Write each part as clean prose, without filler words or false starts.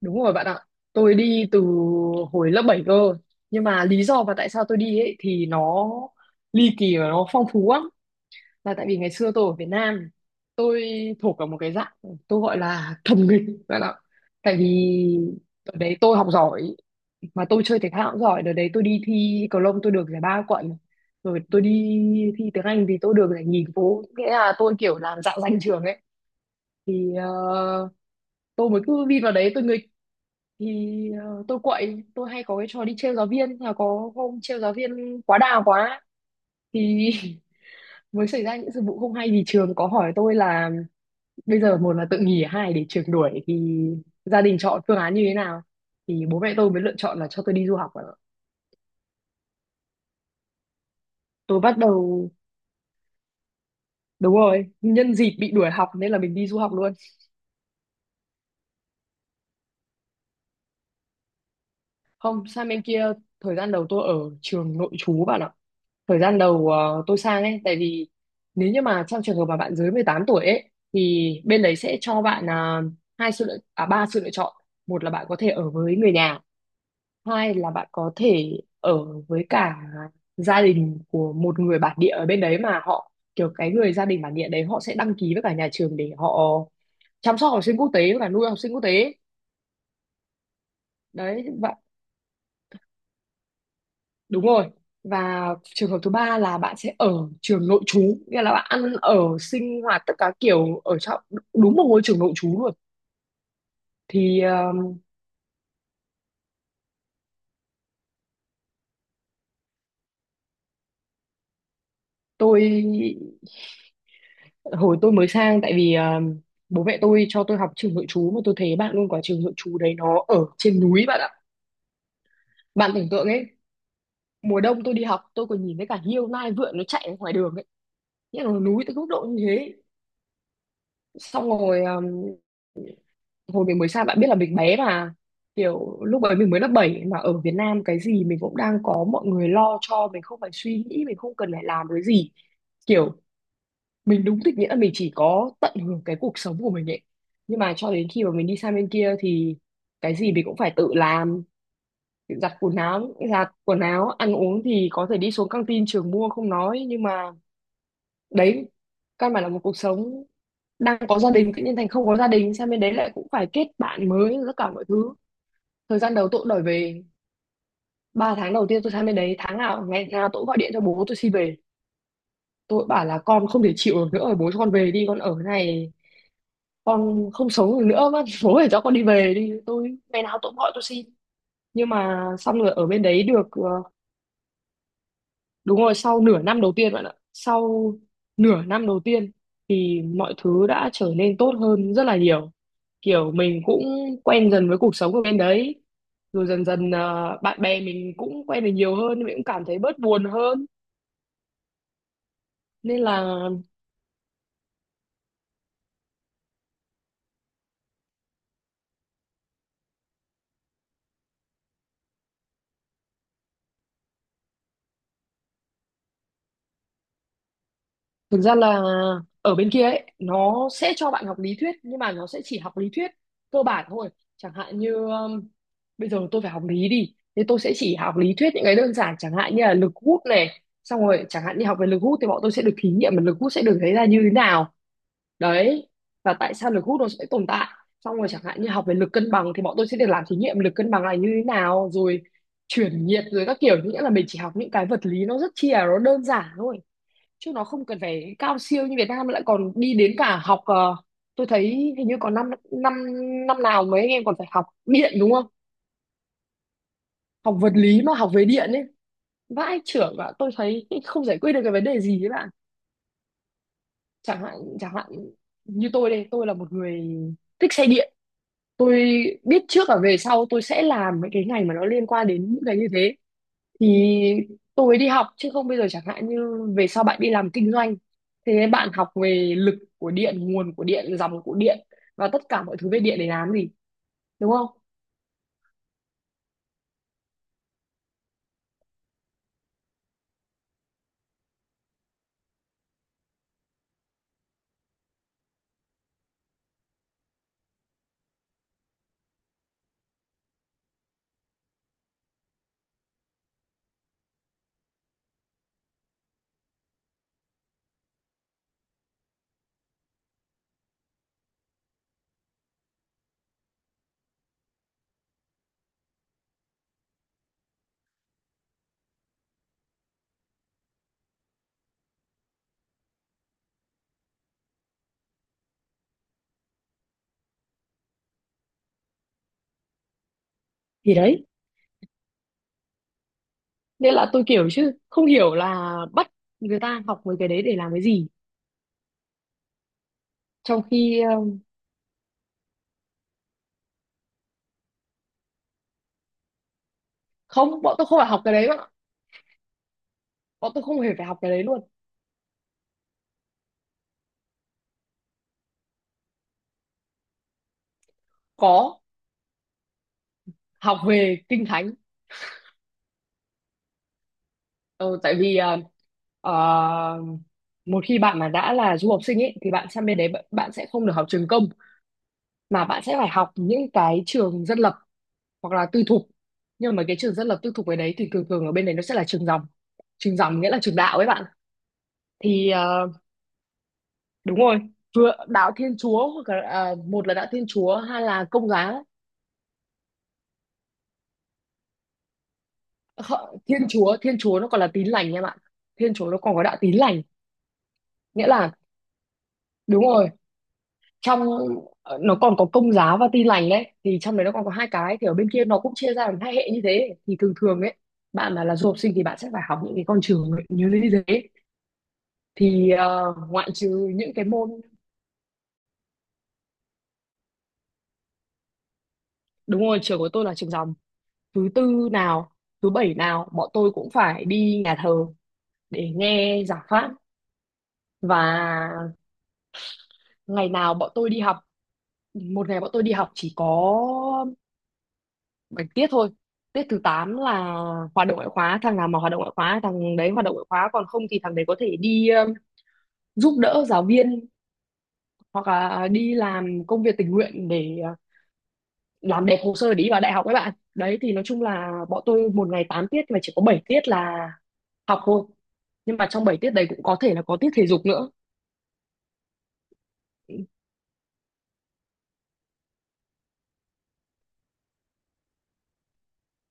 Đúng rồi bạn ạ. Tôi đi từ hồi lớp 7 cơ. Nhưng mà lý do mà tại sao tôi đi ấy thì nó ly kỳ và nó phong phú lắm. Là tại vì ngày xưa tôi ở Việt Nam, tôi thuộc vào một cái dạng tôi gọi là thầm nghịch bạn ạ. Tại vì đợt đấy tôi học giỏi mà tôi chơi thể thao cũng giỏi. Đợt đấy tôi đi thi cầu lông tôi được giải ba quận. Rồi tôi đi thi tiếng Anh thì tôi được giải nhì phố. Nghĩa là tôi kiểu làm dạng danh trường ấy. Thì ờ, tôi mới cứ vin vào đấy tôi nghịch tôi quậy, tôi hay có cái trò đi trêu giáo viên, là có hôm trêu giáo viên quá đà quá thì mới xảy ra những sự vụ không hay vì trường có hỏi tôi là bây giờ một là tự nghỉ, hai để trường đuổi thì gia đình chọn phương án như thế nào, thì bố mẹ tôi mới lựa chọn là cho tôi đi du học ạ. Tôi bắt đầu đúng rồi, nhân dịp bị đuổi học nên là mình đi du học luôn. Không, sang bên kia thời gian đầu tôi ở trường nội trú bạn ạ. Thời gian đầu tôi sang ấy, tại vì nếu như mà trong trường hợp mà bạn dưới 18 tuổi ấy thì bên đấy sẽ cho bạn à, hai sự lựa à ba sự lựa chọn. Một là bạn có thể ở với người nhà, hai là bạn có thể ở với cả gia đình của một người bản địa ở bên đấy, mà họ kiểu cái người gia đình bản địa đấy họ sẽ đăng ký với cả nhà trường để họ chăm sóc học sinh quốc tế và nuôi học sinh quốc tế. Đấy. Và đúng rồi. Và trường hợp thứ ba là bạn sẽ ở trường nội trú, nghĩa là bạn ăn ở sinh hoạt tất cả kiểu ở trong đúng một ngôi trường nội trú luôn. Thì ờ, tôi Hồi tôi mới sang, tại vì bố mẹ tôi cho tôi học trường nội trú, mà tôi thấy bạn luôn, quả trường nội trú đấy nó ở trên núi bạn ạ. Bạn tưởng tượng ấy, mùa đông tôi đi học tôi còn nhìn thấy cả hiêu nai vượn nó chạy ở ngoài đường ấy. Nghĩa là núi tới mức độ như thế. Xong rồi hồi mình mới sang bạn biết là mình bé mà, kiểu lúc ấy mình mới lớp 7, mà ở Việt Nam cái gì mình cũng đang có mọi người lo cho mình, không phải suy nghĩ, mình không cần phải làm cái gì, kiểu mình đúng thực nghĩa là mình chỉ có tận hưởng cái cuộc sống của mình ấy. Nhưng mà cho đến khi mà mình đi sang bên kia thì cái gì mình cũng phải tự làm, giặt quần áo, ăn uống thì có thể đi xuống căng tin trường mua không nói, nhưng mà đấy, căn bản là một cuộc sống đang có gia đình tự nhiên thành không có gia đình, sang bên đấy lại cũng phải kết bạn mới, tất cả mọi thứ. Thời gian đầu tôi cũng đòi về, 3 tháng đầu tiên tôi sang bên đấy tháng nào ngày nào tôi cũng gọi điện cho bố tôi xin về. Tôi bảo là con không thể chịu được nữa rồi, bố cho con về đi, con ở cái này con không sống được nữa, bác bố phải cho con đi về đi, tôi ngày nào tôi cũng gọi tôi xin. Nhưng mà xong rồi ở bên đấy được đúng rồi, sau nửa năm đầu tiên bạn ạ. Sau nửa năm đầu tiên thì mọi thứ đã trở nên tốt hơn rất là nhiều. Kiểu mình cũng quen dần với cuộc sống ở bên đấy. Rồi dần dần à, bạn bè mình cũng quen được nhiều hơn, mình cũng cảm thấy bớt buồn hơn. Nên là thực ra là ở bên kia ấy, nó sẽ cho bạn học lý thuyết, nhưng mà nó sẽ chỉ học lý thuyết cơ bản thôi. Chẳng hạn như bây giờ tôi phải học lý đi, thế tôi sẽ chỉ học lý thuyết những cái đơn giản, chẳng hạn như là lực hút này, xong rồi chẳng hạn như học về lực hút thì bọn tôi sẽ được thí nghiệm mà lực hút sẽ được thấy ra như thế nào, đấy, và tại sao lực hút nó sẽ tồn tại. Xong rồi chẳng hạn như học về lực cân bằng thì bọn tôi sẽ được làm thí nghiệm lực cân bằng là như thế nào, rồi chuyển nhiệt, rồi các kiểu, nghĩa là mình chỉ học những cái vật lý nó rất chi là nó đơn giản thôi, chứ nó không cần phải cao siêu như Việt Nam lại còn đi đến cả học tôi thấy hình như còn năm năm năm nào mấy anh em còn phải học điện đúng không. Học vật lý mà học về điện ấy, vãi chưởng, và tôi thấy không giải quyết được cái vấn đề gì ấy bạn. Chẳng hạn như tôi đây, tôi là một người thích xe điện, tôi biết trước và về sau tôi sẽ làm mấy cái ngành mà nó liên quan đến những cái như thế thì tôi mới đi học, chứ không bây giờ chẳng hạn như về sau bạn đi làm kinh doanh, thế nên bạn học về lực của điện, nguồn của điện, dòng của điện, và tất cả mọi thứ về điện để làm gì, đúng không. Thì đấy, nên là tôi kiểu chứ không hiểu là bắt người ta học mấy cái đấy để làm cái gì. Trong khi không, bọn tôi không phải học cái đấy bạn ạ, bọn tôi không hề phải học cái đấy luôn. Có, học về kinh thánh. Ờ, tại vì ờ, một khi bạn mà đã là du học sinh ấy thì bạn sang bên đấy bạn bạn sẽ không được học trường công, mà bạn sẽ phải học những cái trường dân lập hoặc là tư thục. Nhưng mà cái trường dân lập tư thục ở đấy thì thường thường ở bên đấy nó sẽ là trường dòng. Trường dòng nghĩa là trường đạo ấy bạn. thì ờ, đúng rồi, vừa đạo Thiên Chúa hoặc là à, một là đạo Thiên Chúa, hai là Công giáo. Thiên Chúa nó còn là tín lành em ạ. Thiên Chúa nó còn có đạo tín lành. Nghĩa là đúng rồi, trong nó còn có Công giáo và tin lành, đấy thì trong đấy nó còn có hai cái, thì ở bên kia nó cũng chia ra làm hai hệ như thế. Thì thường thường ấy, bạn mà là du học sinh thì bạn sẽ phải học những cái con trường như thế đấy. Ngoại trừ những cái môn đúng rồi, trường của tôi là trường dòng. Thứ tư nào thứ bảy nào bọn tôi cũng phải đi nhà thờ để nghe giảng pháp. Và ngày nào bọn tôi đi học, một ngày bọn tôi đi học chỉ có 7 tiết thôi, tiết thứ 8 là hoạt động ngoại khóa. Thằng nào mà hoạt động ngoại khóa thằng đấy hoạt động ngoại khóa, còn không thì thằng đấy có thể đi giúp đỡ giáo viên hoặc là đi làm công việc tình nguyện để làm đẹp hồ sơ để đi vào đại học các bạn đấy. Thì nói chung là bọn tôi một ngày 8 tiết mà chỉ có 7 tiết là học thôi, nhưng mà trong 7 tiết đấy cũng có thể là có tiết thể dục nữa.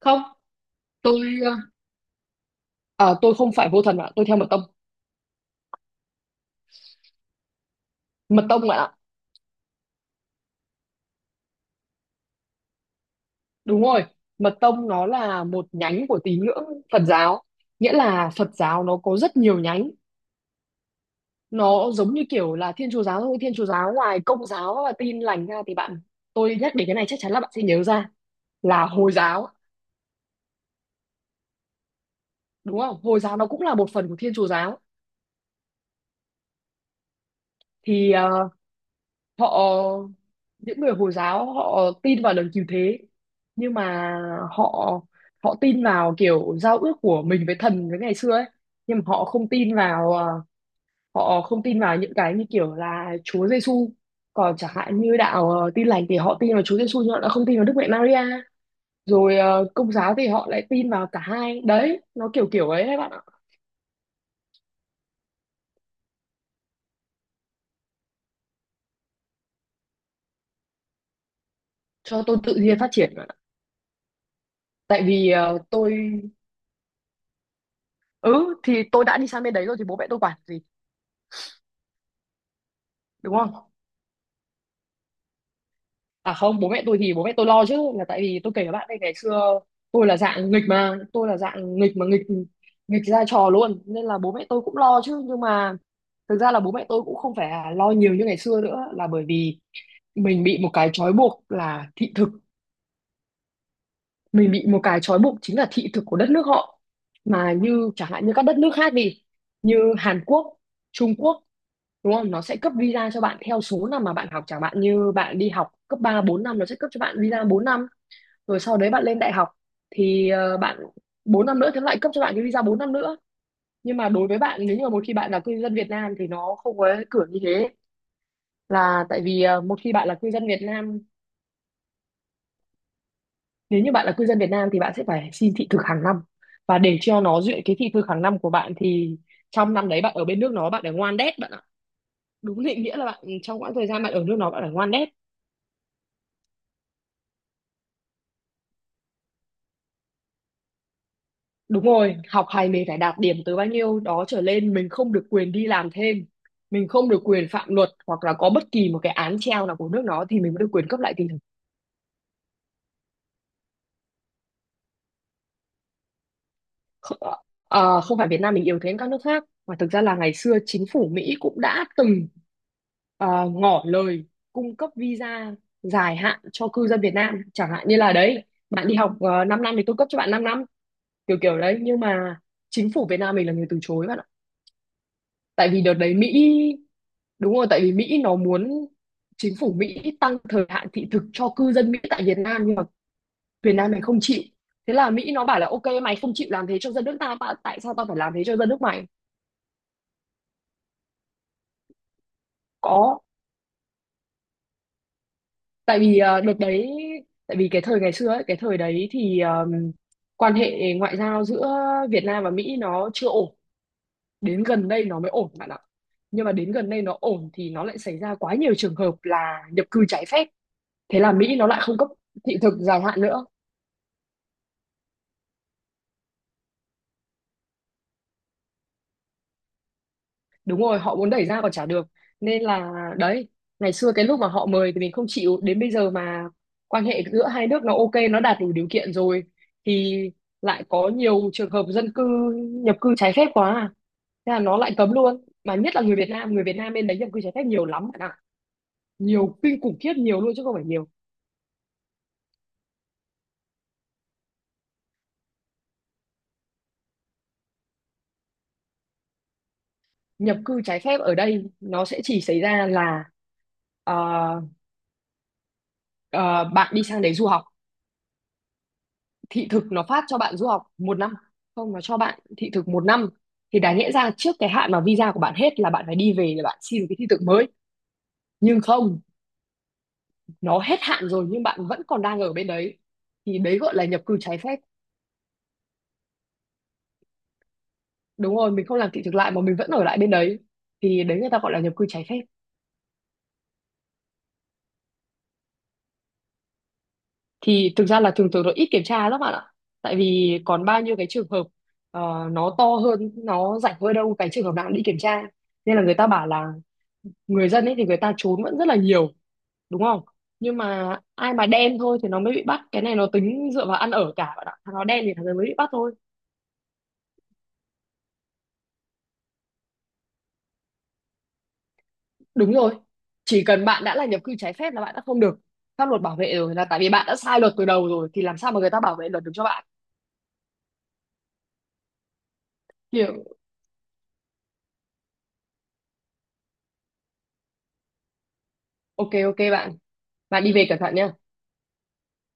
Không, tôi à, tôi không phải vô thần ạ, tôi theo mật tông. Mật tông ạ, đúng rồi. Mật tông nó là một nhánh của tín ngưỡng Phật giáo. Nghĩa là Phật giáo nó có rất nhiều nhánh. Nó giống như kiểu là Thiên Chúa giáo thôi. Thiên Chúa giáo ngoài Công giáo và Tin lành ra thì bạn, tôi nhắc đến cái này chắc chắn là bạn sẽ nhớ ra là Hồi giáo, đúng không? Hồi giáo nó cũng là một phần của Thiên Chúa giáo. Thì ờ, họ những người Hồi giáo họ tin vào đấng cứu thế, nhưng mà họ họ tin vào kiểu giao ước của mình với thần với ngày xưa ấy, nhưng mà họ không tin vào họ không tin vào những cái như kiểu là Chúa Giêsu. Còn chẳng hạn như đạo Tin lành thì họ tin vào Chúa Giêsu nhưng họ đã không tin vào Đức Mẹ Maria, rồi Công giáo thì họ lại tin vào cả hai, đấy nó kiểu kiểu ấy đấy bạn ạ. Cho tôi tự nhiên phát triển bạn ạ. Tại vì ờ, tôi ừ thì tôi đã đi sang bên đấy rồi thì bố mẹ tôi quản gì, đúng không? À không, bố mẹ tôi thì bố mẹ tôi lo chứ, là tại vì tôi kể các bạn đây ngày xưa tôi là dạng nghịch mà, tôi là dạng nghịch mà nghịch nghịch ra trò luôn, nên là bố mẹ tôi cũng lo chứ. Nhưng mà thực ra là bố mẹ tôi cũng không phải là lo nhiều như ngày xưa nữa, là bởi vì mình bị một cái trói buộc là thị thực, mình bị một cái trói buộc chính là thị thực của đất nước họ. Mà như chẳng hạn như các đất nước khác đi, như Hàn Quốc, Trung Quốc, đúng không? Nó sẽ cấp visa cho bạn theo số năm mà bạn học, chẳng hạn như bạn đi học cấp 3 4 năm nó sẽ cấp cho bạn visa 4 năm, rồi sau đấy bạn lên đại học thì bạn 4 năm nữa thì nó lại cấp cho bạn cái visa 4 năm nữa. Nhưng mà đối với bạn, nếu như mà một khi bạn là cư dân Việt Nam thì nó không có cửa như thế, là tại vì một khi bạn là cư dân Việt Nam, nếu như bạn là cư dân Việt Nam thì bạn sẽ phải xin thị thực hàng năm, và để cho nó duyệt cái thị thực hàng năm của bạn thì trong năm đấy bạn ở bên nước nó bạn phải ngoan đét bạn ạ. Đúng định nghĩa là bạn trong quãng thời gian bạn ở nước nó bạn phải ngoan đét. Đúng rồi, học hành mình phải đạt điểm từ bao nhiêu đó trở lên, mình không được quyền đi làm thêm, mình không được quyền phạm luật hoặc là có bất kỳ một cái án treo nào của nước nó thì mình mới được quyền cấp lại thị thực. Kh- Không phải Việt Nam mình yếu thế hơn các nước khác, mà thực ra là ngày xưa chính phủ Mỹ cũng đã từng ngỏ lời cung cấp visa dài hạn cho cư dân Việt Nam, chẳng hạn như là đấy, bạn đi học 5 năm thì tôi cấp cho bạn 5 năm, kiểu kiểu đấy. Nhưng mà chính phủ Việt Nam mình là người từ chối bạn, tại vì đợt đấy Mỹ, đúng rồi, tại vì Mỹ nó muốn, chính phủ Mỹ tăng thời hạn thị thực cho cư dân Mỹ tại Việt Nam, nhưng mà Việt Nam này không chịu. Thế là Mỹ nó bảo là ok mày không chịu làm thế cho dân nước ta mà tại sao tao phải làm thế cho dân nước mày. Có, tại vì ờ, đợt đấy tại vì cái thời ngày xưa ấy, cái thời đấy thì quan hệ ngoại giao giữa Việt Nam và Mỹ nó chưa ổn, đến gần đây nó mới ổn bạn ạ. Nhưng mà đến gần đây nó ổn thì nó lại xảy ra quá nhiều trường hợp là nhập cư trái phép, thế là Mỹ nó lại không cấp thị thực dài hạn nữa. Đúng rồi, họ muốn đẩy ra còn chả được, nên là đấy, ngày xưa cái lúc mà họ mời thì mình không chịu, đến bây giờ mà quan hệ giữa hai nước nó ok, nó đạt đủ điều kiện rồi, thì lại có nhiều trường hợp dân cư nhập cư trái phép quá à. Thế là nó lại cấm luôn, mà nhất là người Việt Nam, người Việt Nam bên đấy nhập cư trái phép nhiều lắm bạn ạ, nhiều kinh khủng khiếp, nhiều luôn chứ không phải nhiều. Nhập cư trái phép ở đây nó sẽ chỉ xảy ra là ờ, ờ, bạn đi sang đấy du học, thị thực nó phát cho bạn du học một năm, không nó cho bạn thị thực một năm, thì đáng lẽ ra trước cái hạn mà visa của bạn hết là bạn phải đi về để bạn xin cái thị thực mới. Nhưng không, nó hết hạn rồi nhưng bạn vẫn còn đang ở bên đấy, thì đấy gọi là nhập cư trái phép. Đúng rồi, mình không làm thị thực lại mà mình vẫn ở lại bên đấy, thì đấy người ta gọi là nhập cư trái phép. Thì thực ra là thường thường nó ít kiểm tra lắm bạn ạ, tại vì còn bao nhiêu cái trường hợp nó to hơn, nó rảnh hơn đâu cái trường hợp nào cũng đi kiểm tra. Nên là người ta bảo là người dân ấy thì người ta trốn vẫn rất là nhiều, đúng không? Nhưng mà ai mà đen thôi thì nó mới bị bắt, cái này nó tính dựa vào ăn ở cả bạn ạ, thằng nó đen thì thằng đấy mới bị bắt thôi. Đúng rồi, chỉ cần bạn đã là nhập cư trái phép là bạn đã không được pháp luật bảo vệ rồi, là tại vì bạn đã sai luật từ đầu rồi thì làm sao mà người ta bảo vệ luật được cho bạn. Kiểu ok, ok bạn. Bạn đi về cẩn thận nhá.